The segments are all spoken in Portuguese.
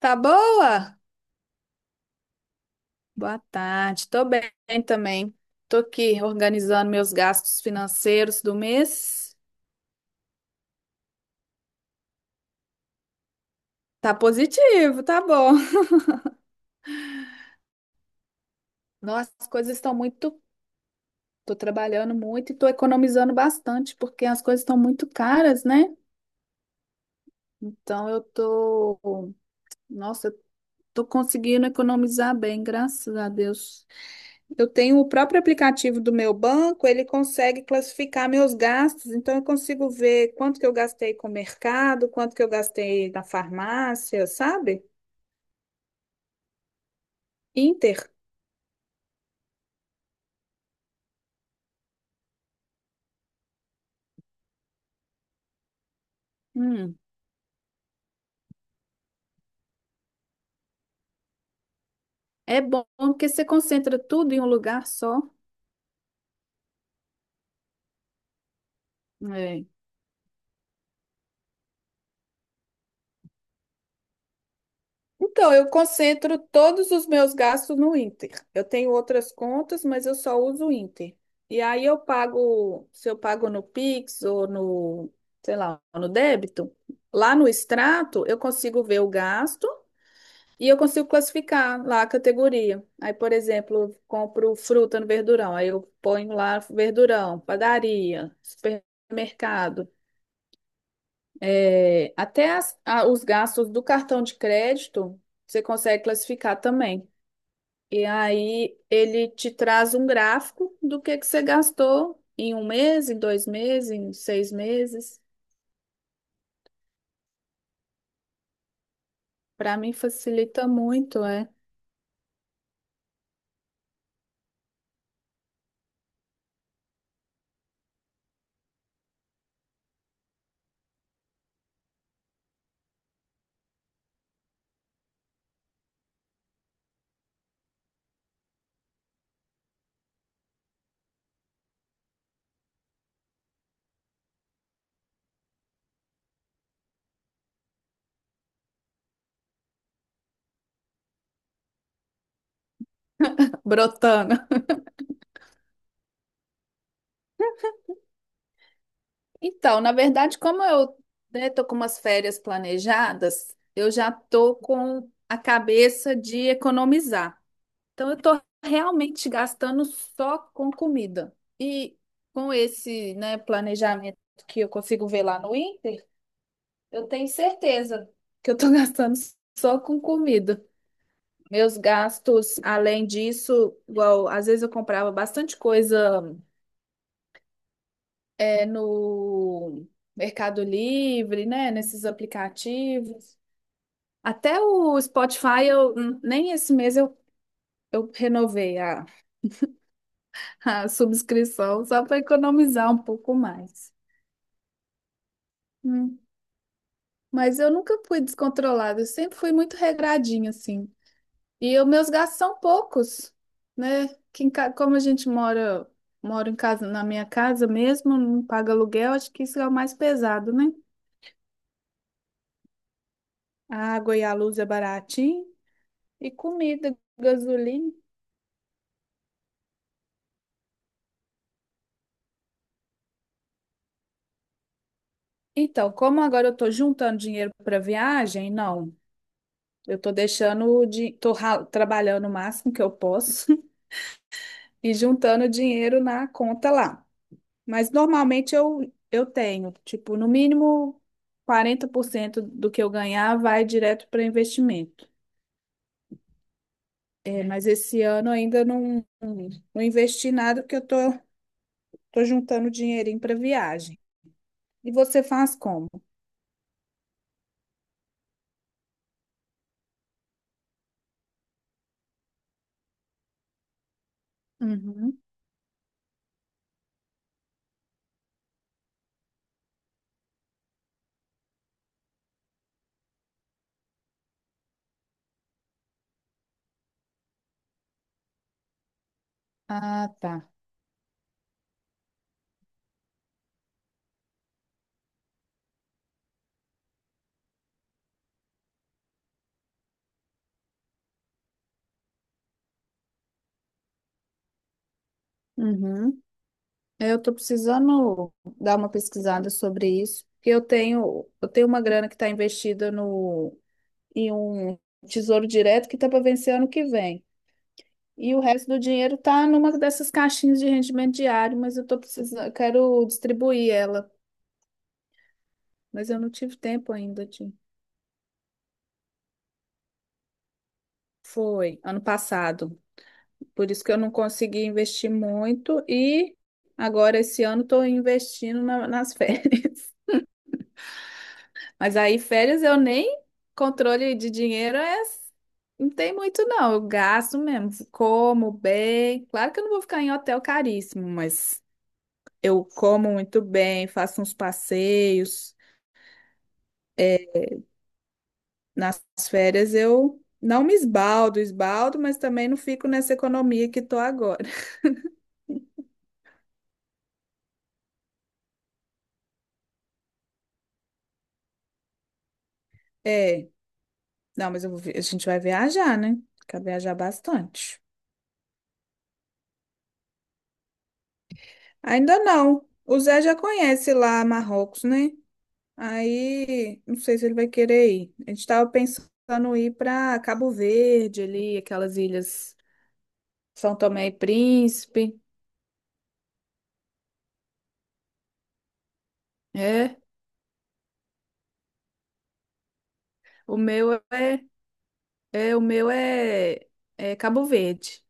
Tá boa? Boa tarde. Tô bem também. Tô aqui organizando meus gastos financeiros do mês. Tá positivo, tá bom. Nossa, as coisas estão muito. Tô trabalhando muito e tô economizando bastante, porque as coisas estão muito caras, né? Então eu tô. Nossa, eu tô conseguindo economizar bem, graças a Deus. Eu tenho o próprio aplicativo do meu banco, ele consegue classificar meus gastos, então eu consigo ver quanto que eu gastei com o mercado, quanto que eu gastei na farmácia, sabe? Inter. Hum, é bom porque você concentra tudo em um lugar só. É. Então, eu concentro todos os meus gastos no Inter. Eu tenho outras contas, mas eu só uso o Inter. E aí eu pago, se eu pago no Pix ou no, sei lá, no débito, lá no extrato eu consigo ver o gasto e eu consigo classificar lá a categoria. Aí, por exemplo, eu compro fruta no verdurão, aí eu ponho lá verdurão, padaria, supermercado. É, até as- a- os gastos do cartão de crédito você consegue classificar também. E aí ele te traz um gráfico do que você gastou em um mês, em dois meses, em seis meses. Para mim facilita muito, é. Brotando. Então, na verdade, como eu, né, tô com umas férias planejadas, eu já tô com a cabeça de economizar. Então, eu estou realmente gastando só com comida. E com esse, né, planejamento que eu consigo ver lá no Inter, eu tenho certeza que eu estou gastando só com comida. Meus gastos, além disso, igual, às vezes eu comprava bastante coisa, é, no Mercado Livre, né, nesses aplicativos. Até o Spotify, eu, nem esse mês eu renovei a subscrição só para economizar um pouco mais. Hum. Mas eu nunca fui descontrolada, eu sempre fui muito regradinha, assim. E os meus gastos são poucos, né? Que em ca- como a gente mora, mora em casa, na minha casa mesmo, não paga aluguel, acho que isso é o mais pesado, né? A água e a luz é baratinho, e comida, gasolina. Então, como agora eu tô juntando dinheiro para viagem, não. Eu tô deixando de, tô ra- trabalhando o máximo que eu posso e juntando dinheiro na conta lá. Mas normalmente eu tenho, tipo, no mínimo 40% do que eu ganhar vai direto para investimento. É, mas esse ano ainda não, não investi nada porque eu tô, tô juntando dinheirinho para viagem. E você faz como? Uhum. Ah, tá. Uhum. Eu tô precisando dar uma pesquisada sobre isso, porque eu tenho uma grana que está investida no e um tesouro direto que está para vencer ano que vem. E o resto do dinheiro está numa dessas caixinhas de rendimento diário, mas eu tô precisando, eu quero distribuir ela, mas eu não tive tempo ainda de. Foi ano passado, por isso que eu não consegui investir muito e agora esse ano estou investindo na- nas férias. Mas aí férias eu nem controle de dinheiro é não tem muito, não. Eu gasto mesmo. Como bem. Claro que eu não vou ficar em hotel caríssimo, mas eu como muito bem, faço uns passeios. Nas férias eu não me esbaldo, esbaldo, mas também não fico nessa economia que tô agora. É, não, mas eu vou vi- a gente vai viajar, né? Quer viajar bastante. Ainda não. O Zé já conhece lá Marrocos, né? Aí, não sei se ele vai querer ir. A gente tava pensando em ir para Cabo Verde ali, aquelas ilhas São Tomé e Príncipe. É, o meu é É, o meu é, é Cabo Verde.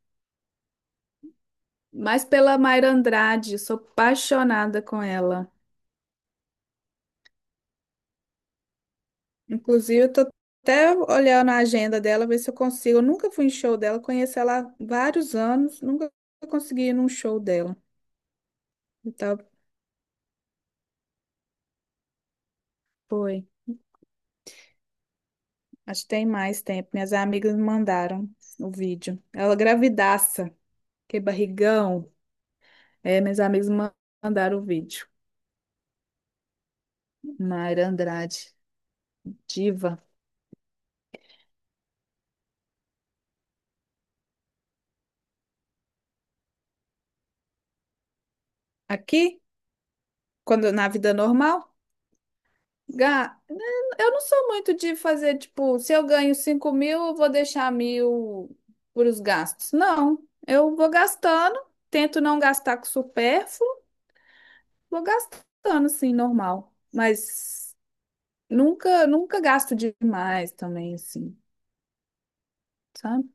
Mas pela Mayra Andrade, sou apaixonada com ela. Inclusive, eu tô até olhando a agenda dela, ver se eu consigo. Eu nunca fui em show dela, conheço ela há vários anos, nunca consegui ir num show dela. Então, foi. Acho que tem mais tempo. Minhas amigas me mandaram o vídeo. Ela gravidaça, que barrigão. É, minhas amigas me mandaram o vídeo. Mayra Andrade, diva. Aqui, quando na vida normal. Ga- Eu não sou muito de fazer, tipo, se eu ganho 5 mil, eu vou deixar mil para os gastos. Não, eu vou gastando, tento não gastar com supérfluo, vou gastando, assim, normal. Mas nunca gasto demais também, assim, sabe?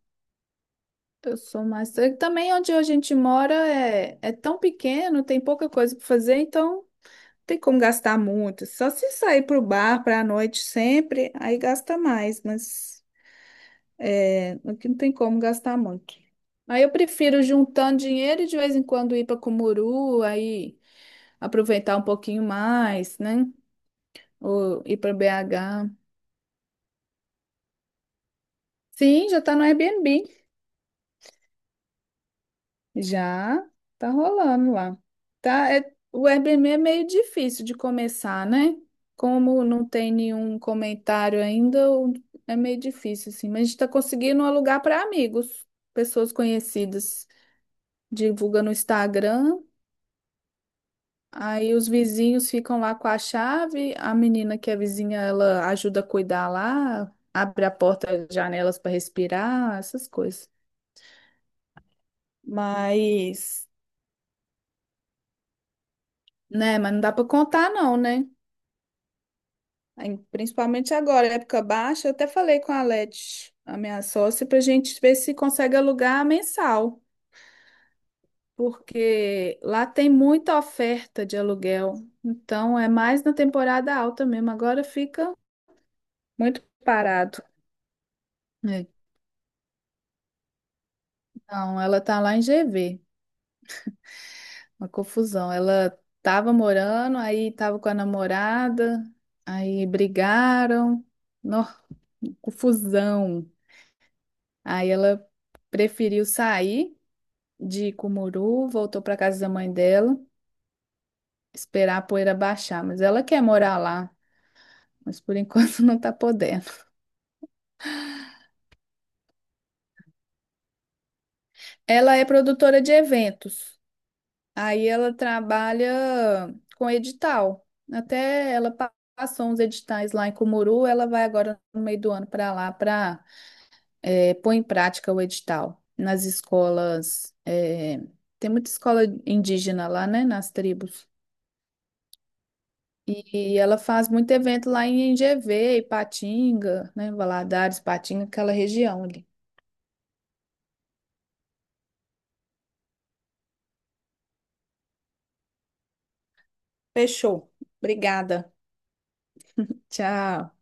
Eu sou mais. E também onde a gente mora é tão pequeno, tem pouca coisa para fazer, então não tem como gastar muito. Só se sair para o bar para a noite sempre, aí gasta mais, mas. É, aqui não tem como gastar muito. Aí eu prefiro juntando dinheiro e de vez em quando ir para Cumuru, aí aproveitar um pouquinho mais, né? Ou ir para BH. Sim, já tá no Airbnb. Já tá rolando lá. Tá, o Airbnb é meio difícil de começar, né? Como não tem nenhum comentário ainda, é meio difícil, assim. Mas a gente tá conseguindo alugar para amigos, pessoas conhecidas. Divulga no Instagram. Aí os vizinhos ficam lá com a chave, a menina que é vizinha, ela ajuda a cuidar lá, abre a porta, janelas para respirar, essas coisas. Mas, né, mas não dá para contar não, né? Aí, principalmente agora, época baixa, eu até falei com a Leti, a minha sócia, para a gente ver se consegue alugar mensal, porque lá tem muita oferta de aluguel. Então é mais na temporada alta mesmo, agora fica muito parado. Não, ela tá lá em GV, uma confusão. Ela tava morando, aí tava com a namorada, aí brigaram, nó, confusão. Aí ela preferiu sair de Cumuru, voltou pra casa da mãe dela, esperar a poeira baixar, mas ela quer morar lá, mas por enquanto não tá podendo. Ela é produtora de eventos. Aí ela trabalha com edital. Até ela passou uns editais lá em Cumuru, ela vai agora no meio do ano para lá para pôr em prática o edital nas escolas. É, tem muita escola indígena lá, né? Nas tribos. E ela faz muito evento lá em NGV, Ipatinga, né? Valadares, Ipatinga, aquela região ali. Fechou. Obrigada. Tchau.